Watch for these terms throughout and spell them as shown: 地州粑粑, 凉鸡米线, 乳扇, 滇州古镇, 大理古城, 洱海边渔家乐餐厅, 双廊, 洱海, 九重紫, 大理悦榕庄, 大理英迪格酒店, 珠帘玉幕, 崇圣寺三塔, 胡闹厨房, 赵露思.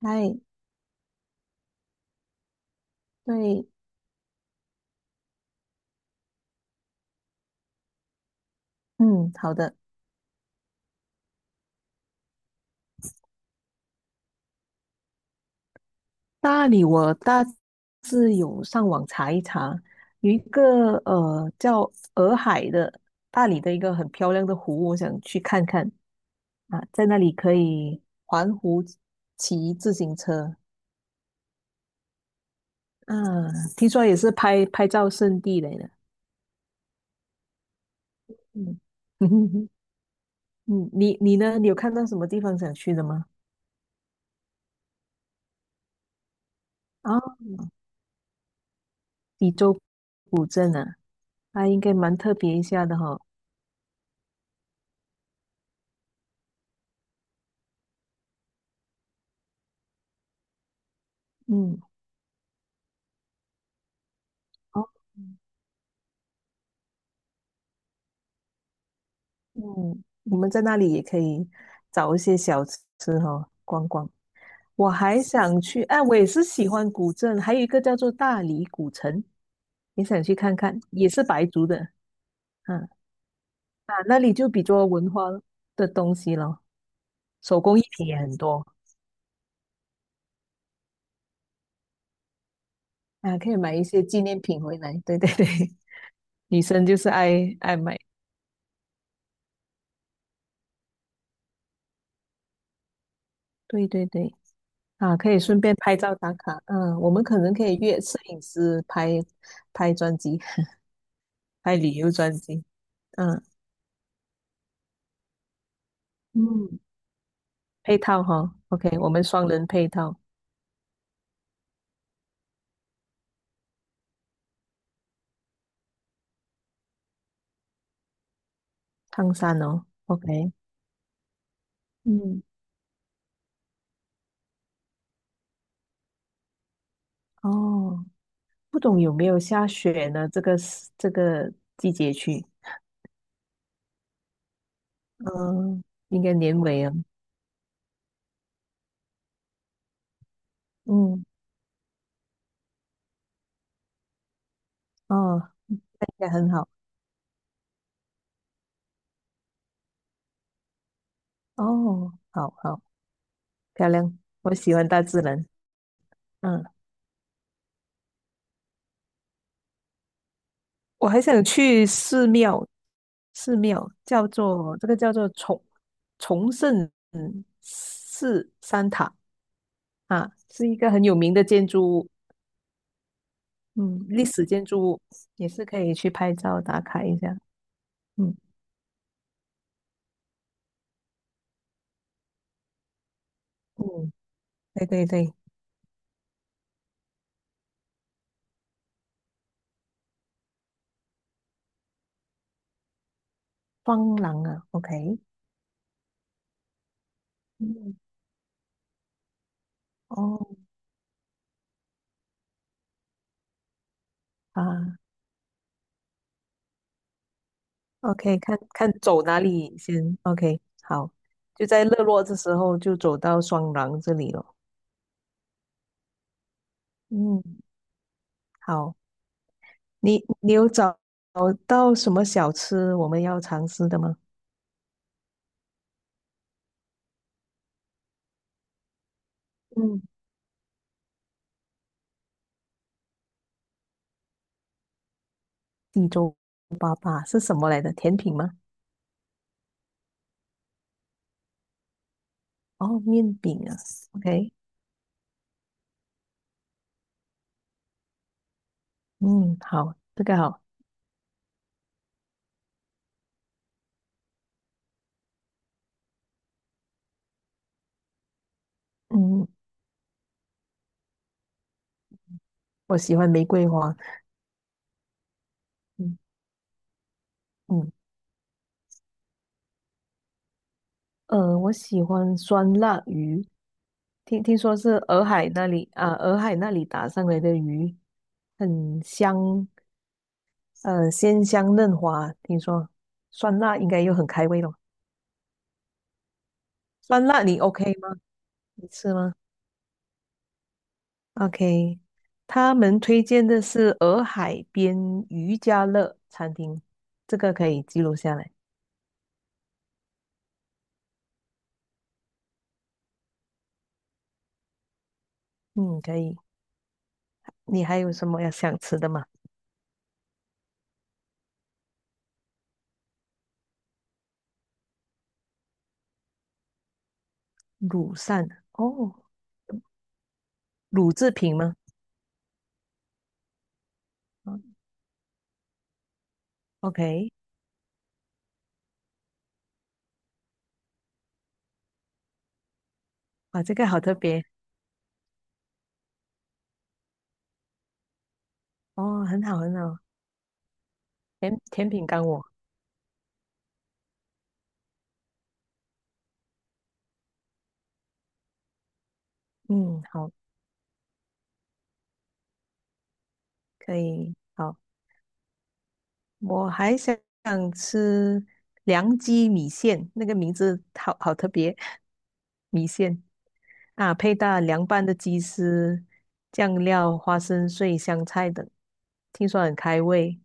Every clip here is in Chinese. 嗨，对，嗯，好的。大理我大致有上网查一查，有一个叫洱海的大理的一个很漂亮的湖，我想去看看。啊，在那里可以环湖骑自行车。啊，听说也是拍拍照圣地来的。嗯 嗯，你呢？你有看到什么地方想去的吗？啊，滇州古镇啊，它应该蛮特别一下的哈。嗯。哦，嗯，我们在那里也可以找一些小吃哈，逛逛。我还想去，哎，我也是喜欢古镇，还有一个叫做大理古城，也想去看看，也是白族的，嗯。啊，那里就比较文化的东西咯，手工艺品也很多。啊，可以买一些纪念品回来。对 对对，女生就是爱买，对对对。啊，可以顺便拍照打卡。嗯，我们可能可以约摄影师拍拍专辑。还旅游专辑。嗯，嗯配套哈，OK，我们双人配套。烫山哦，OK。嗯，哦，不懂有没有下雪呢？这个时这个季节去。嗯，应该年尾啊。嗯，哦，应该很好。哦，好好漂亮，我喜欢大自然。嗯，我还想去寺庙，寺庙叫做崇圣寺三塔。啊，是一个很有名的建筑物，嗯历史建筑物，也是可以去拍照打卡一下。嗯嗯，对对对。双廊啊，OK。嗯，哦，啊，OK,看看走哪里先，OK,好，就在日落的时候就走到双廊这里了。嗯，好，你有找到什么小吃我们要尝试的吗？嗯地州粑粑是什么来的？甜品吗？哦，面饼啊，OK。嗯，好，这个好。嗯，我喜欢玫瑰花。嗯嗯。我喜欢酸辣鱼，听说是洱海那里啊，洱海那里打上来的鱼，很香。鲜香嫩滑。听说酸辣应该又很开胃咯。酸辣你 OK 吗？你吃吗？OK,他们推荐的是洱海边渔家乐餐厅，这个可以记录下来。嗯，可以。你还有什么要想吃的吗？乳扇哦，乳制品吗？嗯，OK。啊，这个好特别。哦，很好很好。甜品干我，嗯，好，可以，好，我还想吃凉鸡米线，那个名字好好特别，米线啊，配搭凉拌的鸡丝、酱料、花生碎、香菜等，听说很开胃。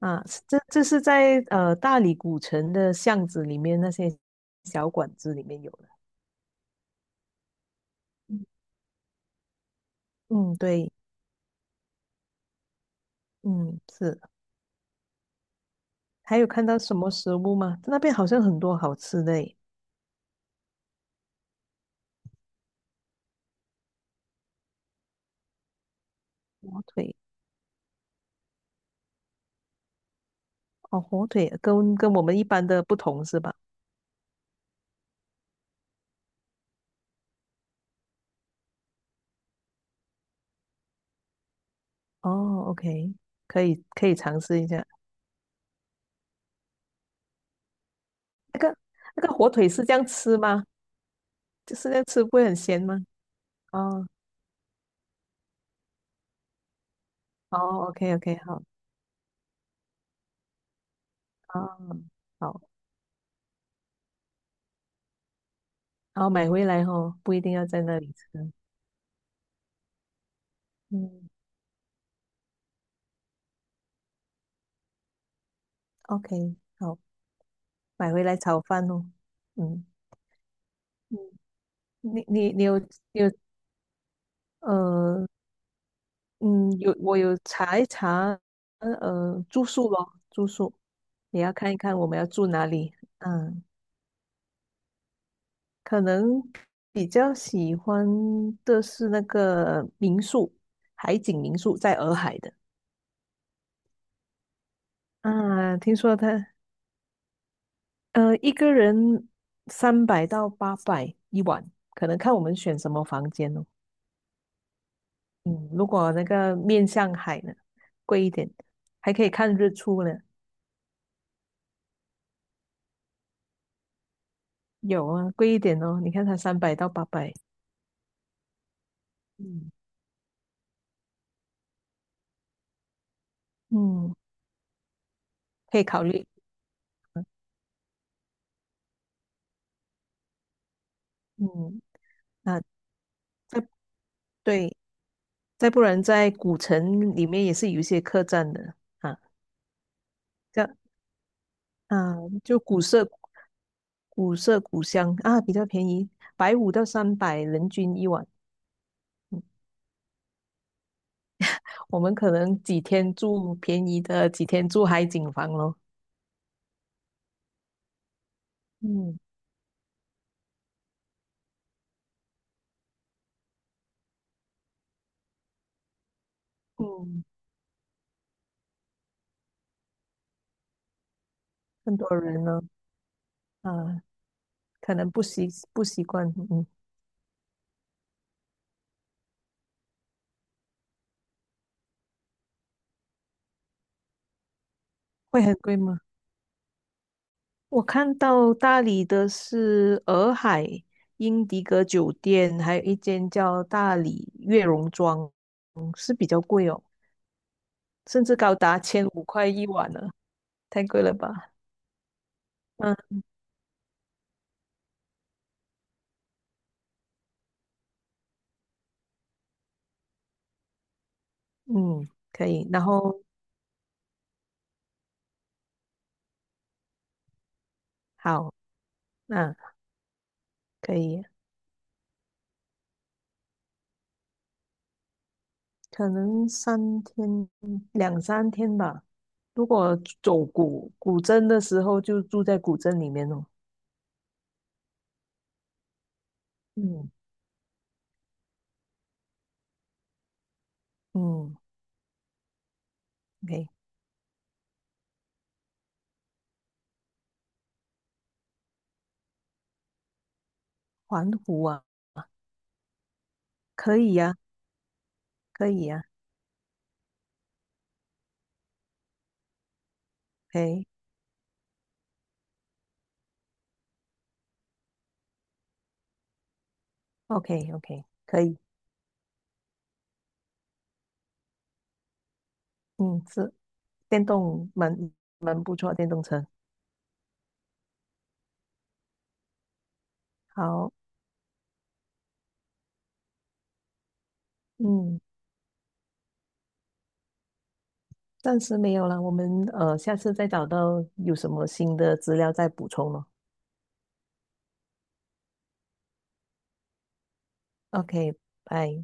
啊，这是在大理古城的巷子里面那些小馆子里面有的。嗯，对，嗯，是。还有看到什么食物吗？那边好像很多好吃的诶。火腿哦，火腿跟我们一般的不同是吧？哦，OK,可以可以尝试一下。那个那个火腿是这样吃吗？就是那样吃不会很咸吗？哦哦，OK OK,好，哦好，然后买回来哦，不一定要在那里吃。嗯，OK,好，买回来炒饭哦。嗯嗯，你你你有你有呃嗯，我有查一查，呃，住宿咯，住宿也要看一看我们要住哪里。嗯，可能比较喜欢的是那个民宿，海景民宿在洱海的。啊，听说他一个人三百到八百一晚，可能看我们选什么房间哦。嗯，如果那个面向海的，贵一点，还可以看日出呢。有啊，贵一点哦，你看它三百到八百。嗯。嗯，可以考虑。嗯，啊，再对，再不然在古城里面也是有一些客栈的。啊，这样啊，就古色古香啊，比较便宜，150到300人均一晚。我们可能几天住便宜的，几天住海景房咯。嗯嗯，很多人呢。啊，可能不习惯。嗯，会很贵吗？我看到大理的是洱海英迪格酒店，还有一间叫大理悦榕庄，嗯，是比较贵哦，甚至高达1500块一晚了，太贵了吧？嗯嗯，可以。然后好，那，可以，可能两三天吧。如果走古镇的时候，就住在古镇里面哦。嗯嗯，OK。环湖啊，可以呀、可以呀、o k o k o k 可以。嗯，是电动蛮不错，电动车。好，嗯，暂时没有了，我们下次再找到有什么新的资料再补充咯。OK,拜。